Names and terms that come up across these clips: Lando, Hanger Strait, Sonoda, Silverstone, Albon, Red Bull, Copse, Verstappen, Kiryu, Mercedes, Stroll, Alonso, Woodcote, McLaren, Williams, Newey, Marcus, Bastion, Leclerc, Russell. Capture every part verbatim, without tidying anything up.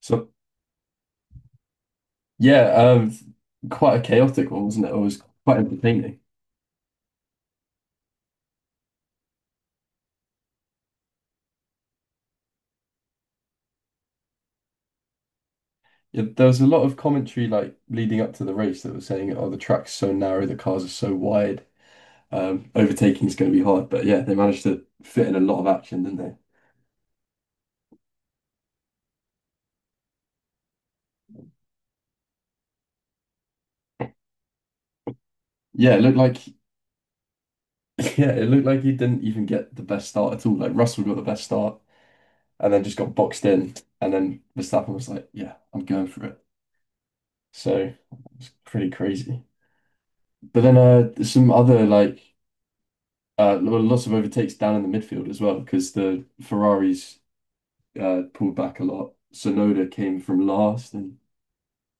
So yeah, uh, quite a chaotic one, wasn't it? It was quite entertaining. Yeah, there was a lot of commentary like leading up to the race that was saying, "Oh, the track's so narrow, the cars are so wide, um, overtaking is going to be hard." But yeah, they managed to fit in a lot of action, didn't they? Yeah, it looked like yeah, it looked like he didn't even get the best start at all. Like Russell got the best start and then just got boxed in, and then Verstappen was like, "Yeah, I'm going for it." So it was pretty crazy. But then uh, there's some other like Uh, well, lots of overtakes down in the midfield as well because the Ferraris uh, pulled back a lot. Sonoda came from last, and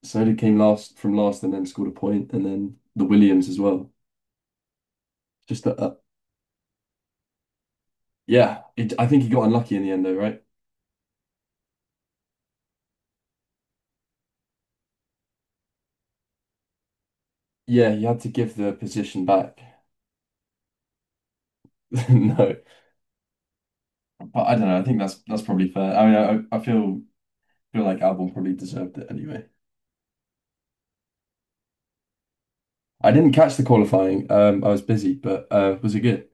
Sonoda came last from last, and then scored a point, and then the Williams as well. Just that, uh, yeah. It, I think he got unlucky in the end, though, right? Yeah, he had to give the position back. No, but I don't know. I think that's that's probably fair. I mean, I, I feel feel like Albon probably deserved it anyway. I didn't catch the qualifying. Um, I was busy, but uh, was it good?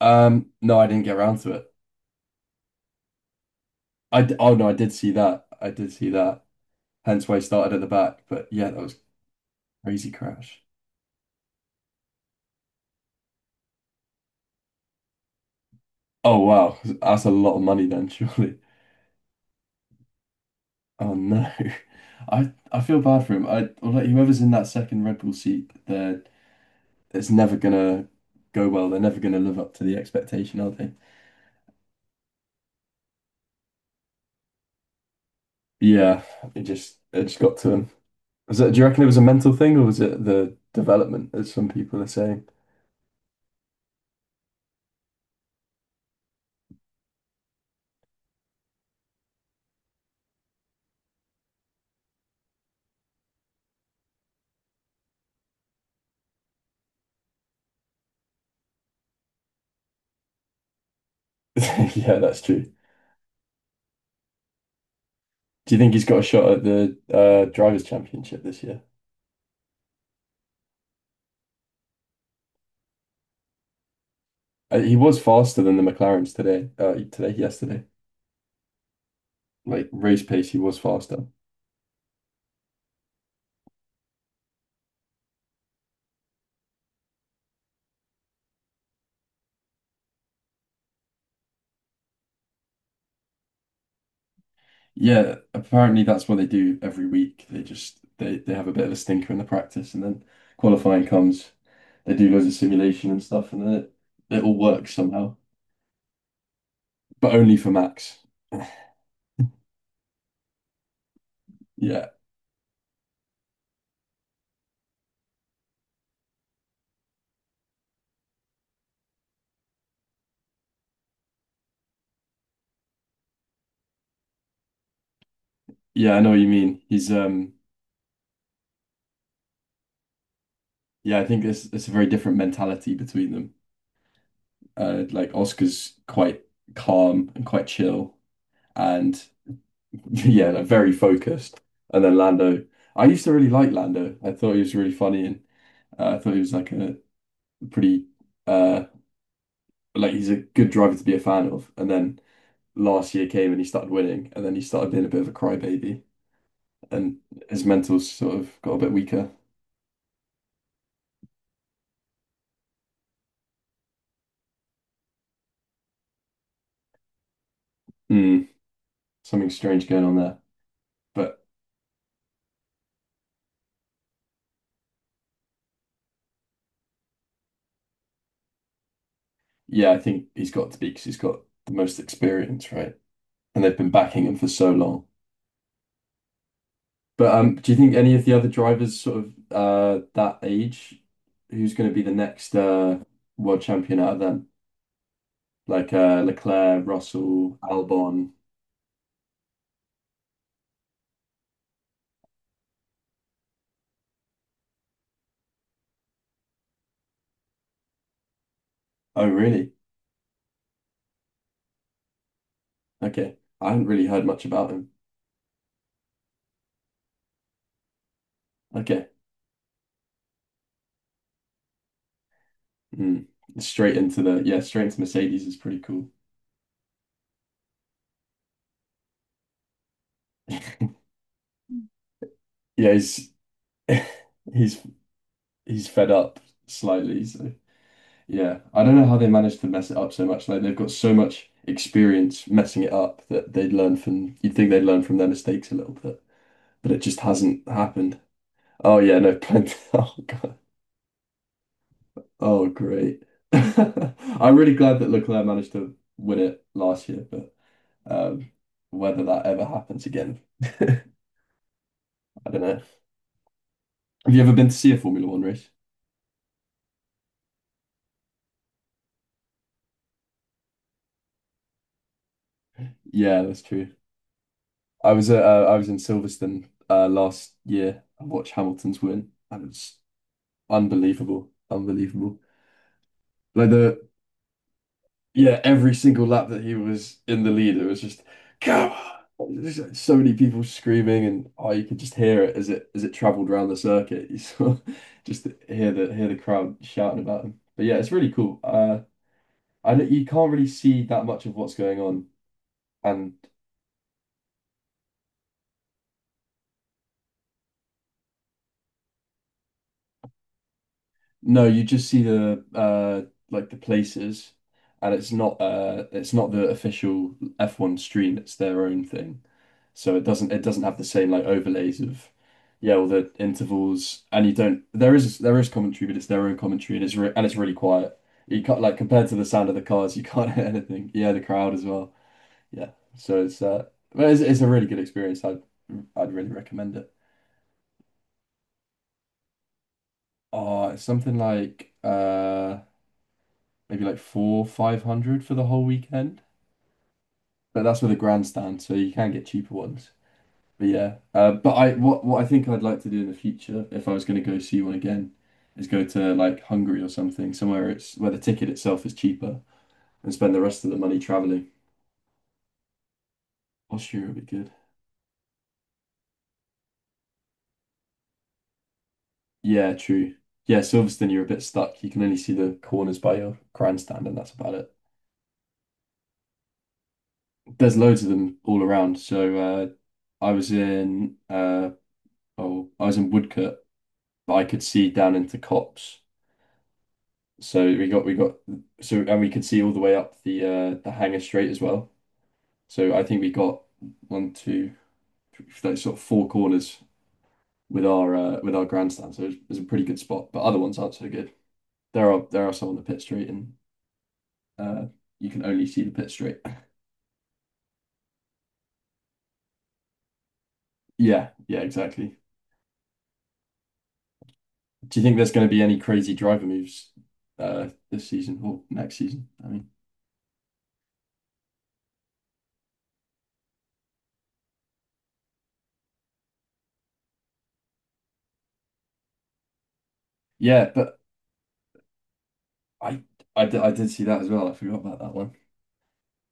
Um, no, I didn't get around to it. I d- oh no, I did see that. I did see that. Hence why I started at the back. But yeah, that was crazy crash. Oh wow, that's a lot of money then, surely. Oh no, I I feel bad for him. I like whoever's in that second Red Bull seat, they're it's never gonna go well. They're never gonna live up to the expectation, are they? Yeah, it just it just got to him. Was it, do you reckon it was a mental thing or was it the development, as some people are saying? Yeah, that's true. Do you think he's got a shot at the uh, Drivers' Championship this year? Uh, he was faster than the McLarens today, uh, today, yesterday. Like race pace, he was faster. Yeah, apparently that's what they do every week. They just they they have a bit of a stinker in the practice, and then qualifying comes. They do loads of simulation and stuff, and then it, it all works somehow, but only for Max. Yeah. Yeah, I know what you mean. He's um yeah, I think it's it's a very different mentality between them. Uh like Oscar's quite calm and quite chill and yeah, like very focused. And then Lando, I used to really like Lando. I thought he was really funny and uh, I thought he was like a pretty uh like he's a good driver to be a fan of. And then last year came and he started winning and then he started being a bit of a crybaby and his mental's sort of got a bit weaker. Hmm, something strange going on there. But yeah, I think he's got to be because he's got the most experience, right? And they've been backing him for so long. But um, do you think any of the other drivers sort of uh that age, who's going to be the next uh world champion out of them? Like uh Leclerc, Russell, Albon. Oh, really? Okay. I haven't really heard much about him. Okay. Mm. Straight into the yeah, straight into Mercedes is pretty cool. Yeah, he's he's he's fed up slightly, so. Yeah, I don't know how they managed to mess it up so much. Like they've got so much experience messing it up that they'd learn from, you'd think they'd learn from their mistakes a little bit, but it just hasn't happened. Oh yeah, no, plenty. Oh God. Oh great. I'm really glad that Leclerc managed to win it last year, but um, whether that ever happens again, I don't know. Have you ever been to see a Formula One race? Yeah, that's true. I was at, uh, I was in Silverstone uh, last year. I watched Hamilton's win, and it was unbelievable. Unbelievable. Like the yeah, every single lap that he was in the lead, it was just go on. There's like so many people screaming and oh you could just hear it as it as it traveled around the circuit. You saw just hear the hear the crowd shouting about him. But yeah, it's really cool. Uh I don't- you can't really see that much of what's going on. And no, you just see the uh like the places and it's not uh it's not the official F one stream, it's their own thing. So it doesn't it doesn't have the same like overlays of yeah all the intervals and you don't there is there is commentary but it's their own commentary and it's re and it's really quiet. You can't like compared to the sound of the cars you can't hear anything. Yeah, the crowd as well. Yeah, so it's uh but it's, it's a really good experience. I'd I'd really recommend it. Oh, it's something like uh maybe like four five hundred for the whole weekend, but that's with a grandstand so you can get cheaper ones. But yeah, uh, but I what what I think I'd like to do in the future, if I was going to go see one again, is go to like Hungary or something, somewhere it's where the ticket itself is cheaper, and spend the rest of the money traveling. Austria would be good. Yeah, true. Yeah, Silverstone, you're a bit stuck. You can only see the corners by your grandstand, and that's about it. There's loads of them all around. So uh, I was in uh, oh, I was in Woodcote, but I could see down into Copse. So we got we got so and we could see all the way up the uh, the Hanger Strait as well. So I think we got one, two, three, like sort of four corners with our uh, with our grandstand. So it was a pretty good spot, but other ones aren't so good. There are there are some on the pit straight, and uh, you can only see the pit straight. Yeah, yeah, exactly. Do you think there's going to be any crazy driver moves uh, this season or next season? I mean, yeah, but I I did, I did see that as well. I forgot about that one.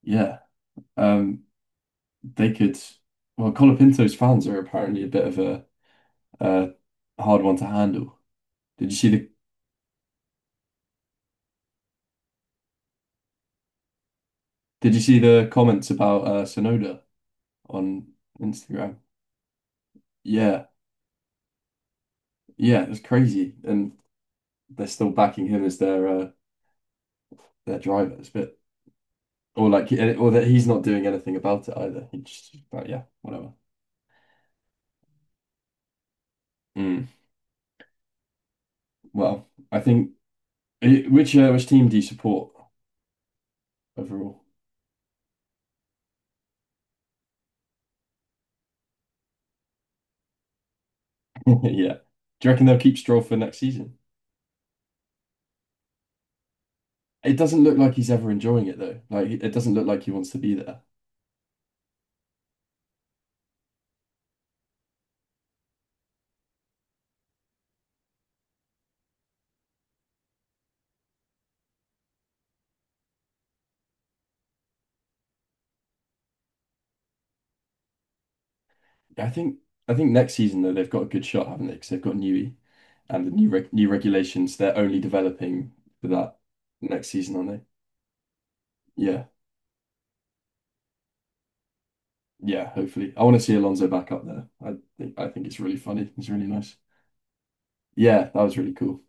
Yeah, um, they could. Well, Colapinto's fans are apparently a bit of a uh, hard one to handle. Did you see the Did you see the comments about uh, Sonoda on Instagram? Yeah, yeah, it was crazy, and they're still backing him as their uh, their driver. It's a bit, or like, or that he's not doing anything about it either. He just, but yeah, whatever. Mm. Well, I think which uh, which team do you support overall? Yeah, do you reckon they'll keep Stroll for next season? It doesn't look like he's ever enjoying it though. Like, it doesn't look like he wants to be there. I think I think next season though they've got a good shot, haven't they? Because they've got Newey and the new reg new regulations. They're only developing for that next season, aren't they? Yeah, yeah. Hopefully, I want to see Alonso back up there. I think I think it's really funny. It's really nice. Yeah, that was really cool.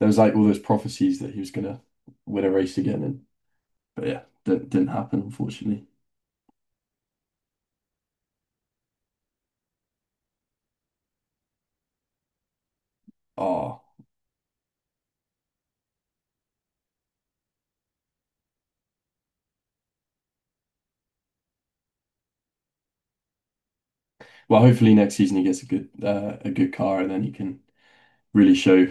There was like all those prophecies that he was gonna win a race again, and but yeah, that didn't happen unfortunately. Oh well, hopefully next season he gets a good uh, a good car, and then he can really show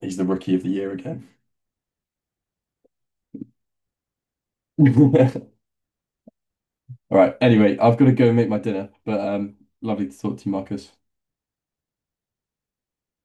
he's the rookie of the year again. All right. Anyway, I've got to go and make my dinner, but um, lovely to talk to you, Marcus.